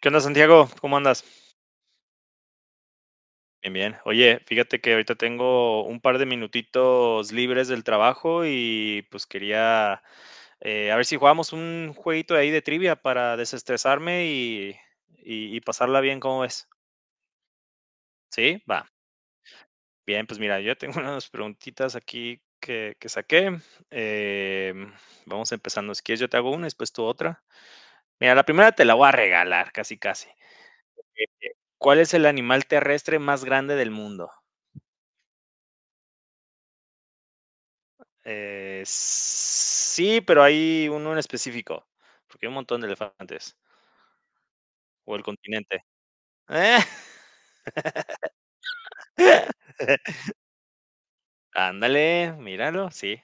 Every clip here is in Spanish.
¿Qué onda, Santiago? ¿Cómo andas? Bien, bien. Oye, fíjate que ahorita tengo un par de minutitos libres del trabajo y pues quería a ver si jugamos un jueguito ahí de trivia para desestresarme y, y pasarla bien, ¿cómo ves? Sí, va. Bien, pues mira, yo ya tengo unas preguntitas aquí que saqué. Em, Vamos empezando. Si quieres, yo te hago una, después tú otra. Mira, la primera te la voy a regalar, casi, casi. ¿Cuál es el animal terrestre más grande del mundo? Sí, pero hay uno en específico, porque hay un montón de elefantes, o el continente. ¡Eh! Ándale, míralo, sí.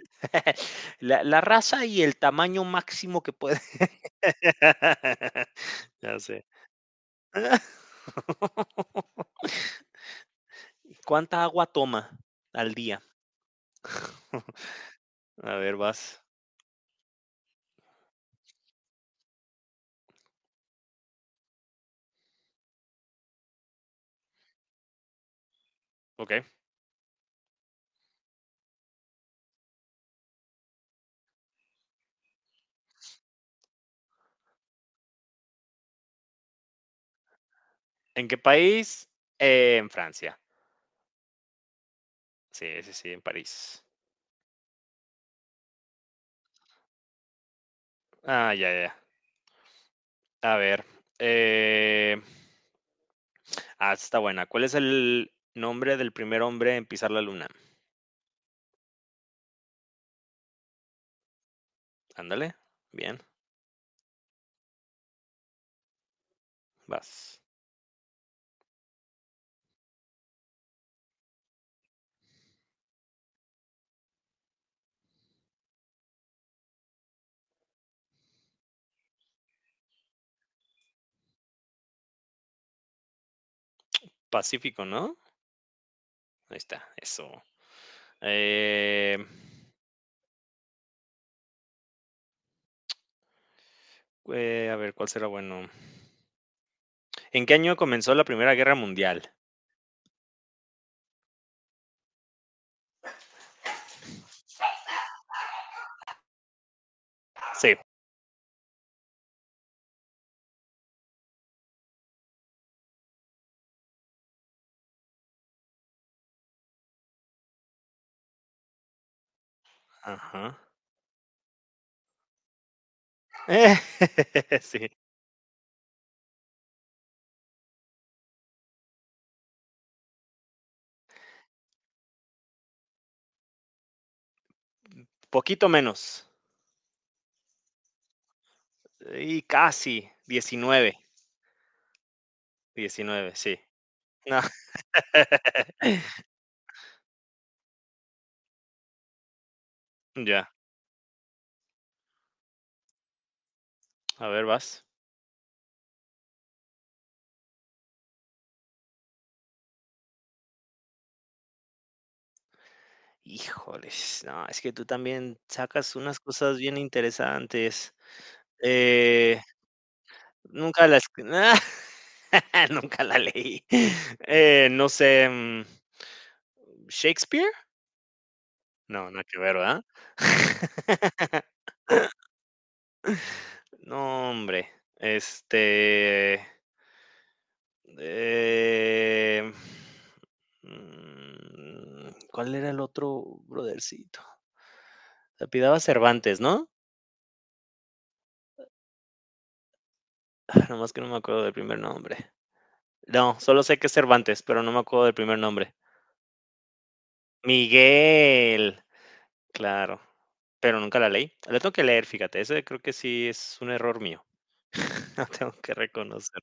La raza y el tamaño máximo que puede. Ya sé. ¿Cuánta agua toma al día? A ver, vas. ¿Ok? ¿En qué país? En Francia. Sí, sí, sí, en París. Ah, ya, ya, ya. A ver, eh ah, está buena. ¿Cuál es el nombre del primer hombre en pisar la luna? Ándale, bien, vas. Pacífico, ¿no? Ahí está, eso. Eh, a ver, ¿cuál será bueno? ¿En qué año comenzó la Primera Guerra Mundial? Sí. Ajá. Eh, sí. Poquito menos. Y casi. 19, 19, sí. No, ya. A ver, vas. Híjoles, no, es que tú también sacas unas cosas bien interesantes. Eh, Nunca las nunca la leí. No sé, ¿Shakespeare? No, nada que ver, ¿verdad? No, hombre. Este, eh, ¿Cuál era el otro brodercito? Se apellidaba Cervantes, ¿no? Ah, nomás que no me acuerdo del primer nombre. No, solo sé que es Cervantes, pero no me acuerdo del primer nombre. Miguel. Claro, pero nunca la leí. La tengo que leer, fíjate, ese creo que sí es un error mío. Lo tengo que reconocer.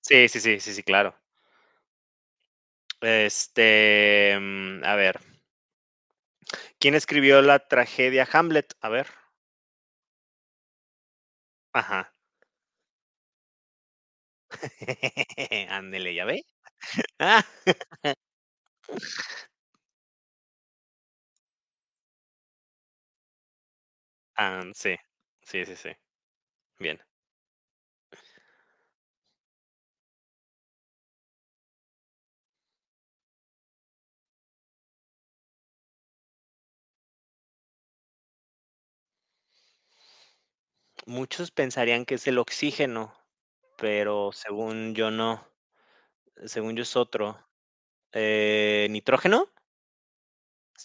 Sí, sí, sí, sí, sí, claro. A ver, ¿quién escribió la tragedia Hamlet? A ver. Ajá. Ándele, ¿ya ve? Ah, am, sí. Sí, sí, sí. Bien. Muchos pensarían que es el oxígeno, pero según yo no. Según yo es otro. ¿Nitrógeno?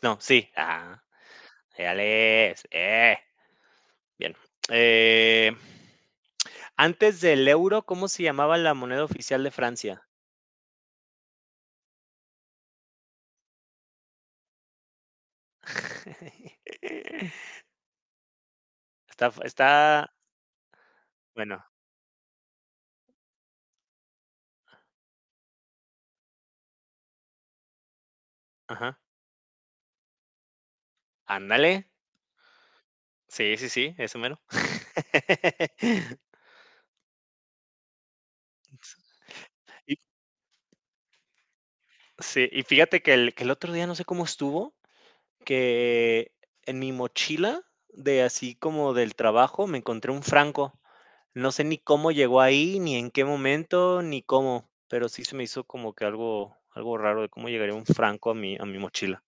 No, sí. Ah, ya lees. Bien. Eh, antes del euro, ¿cómo se llamaba la moneda oficial de Francia? Está, está, bueno, ajá. Ándale. Sí, sí, sí, eso mero. Y, sí, y fíjate que que el otro día no sé cómo estuvo, que en mi mochila de así como del trabajo me encontré un franco. No sé ni cómo llegó ahí, ni en qué momento, ni cómo, pero sí se me hizo como que algo raro de cómo llegaría un franco a mi mochila.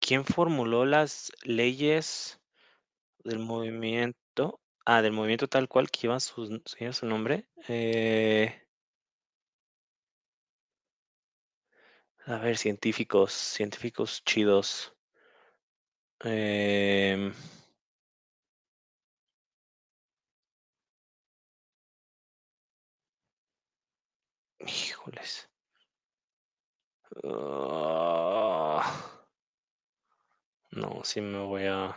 ¿Quién formuló las leyes del movimiento? Ah, del movimiento tal cual que lleva su nombre, a ver, científicos chidos, em, híjoles, ah, no, sí me voy a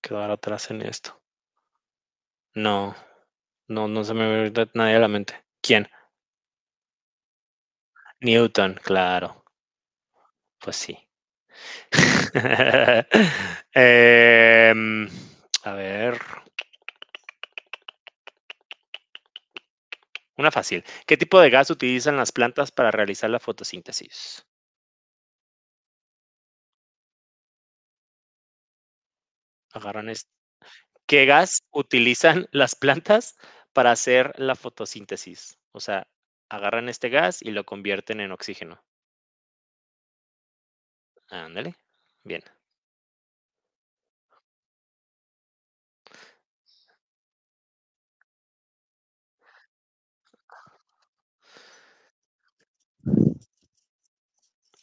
quedar atrás en esto. No. No, no se me ve ahorita nadie a la mente. ¿Quién? Newton, claro. Pues sí. Em, a ver, una fácil. ¿Qué tipo de gas utilizan las plantas para realizar la fotosíntesis? Agarran es- ¿Qué gas utilizan las plantas para hacer la fotosíntesis? O sea, agarran este gas y lo convierten en oxígeno. Ándale. Bien.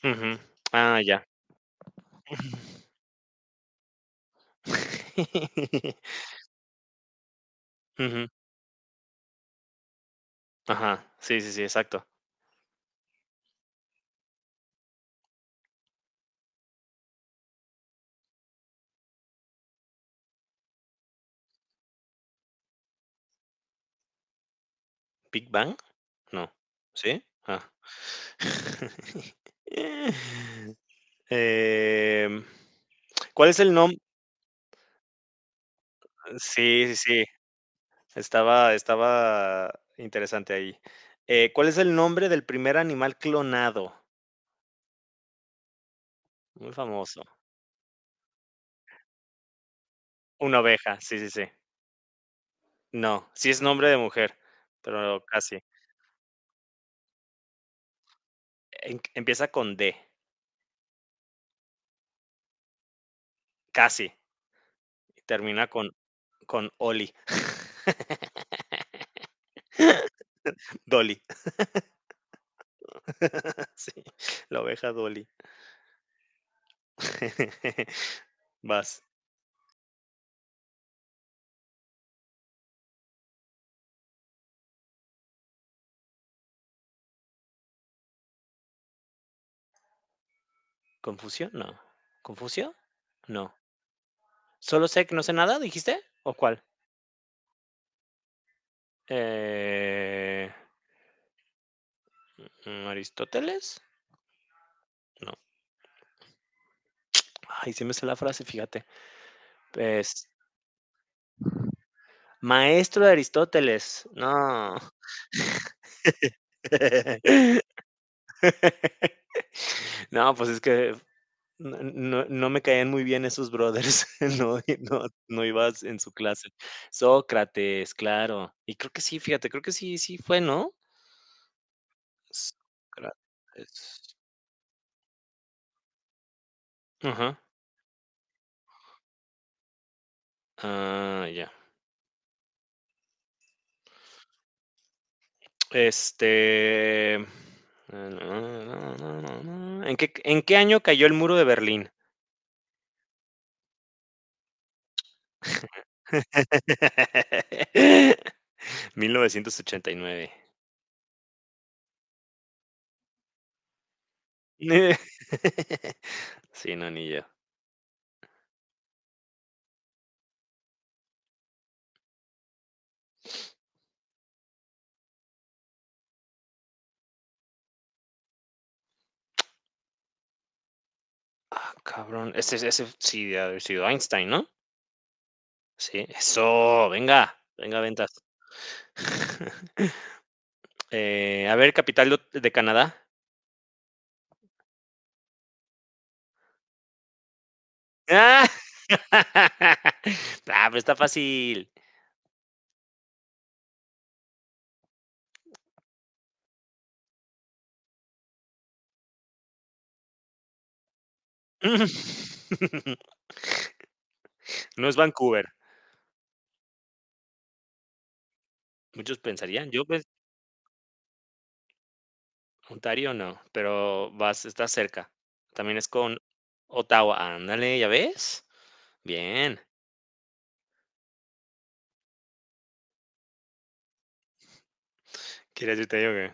Ujú. Ah, ya. Ujú. Ajá. Sí, sí, sí, exacto. ¿Big Bang? No, ¿sí? Ah. Eh, Em, ¿cuál es el nombre? Sí, sí, sí, estaba interesante ahí. ¿Cuál es el nombre del primer animal clonado? Muy famoso. Una oveja, sí, sí, sí. No, sí es nombre de mujer, pero casi. Empieza con D, casi, y termina con Oli, Dolly. Sí, la oveja Dolly. Vas. ¿Confusión? No. Confusión, no. ¿Solo sé que no sé nada, dijiste? ¿O cuál? Eh, ¿Aristóteles? No. Ay, sí me sé la frase, fíjate. Es maestro de Aristóteles. No. No, pues es que no me caían muy bien esos brothers. No, no, no ibas en su clase. Sócrates, claro. Y creo que sí, fíjate, creo que sí, sí fue, ¿no? Sócrates. Ajá. Ah, ya. Este. eh, en qué año cayó el muro de Berlín? 1989. Sí, no, ni yo. Ah, cabrón. Ese sí debe haber sido Einstein, ¿no? Sí. Eso, venga, venga, ventas. A ver, capital de Canadá. ¡Ah! ah, pero está fácil. No es Vancouver. Muchos pensarían, yo pues, Ontario no, pero vas estás cerca. También es con Ottawa, ándale, ¿ya ves? Bien. ¿Quieres irte yo?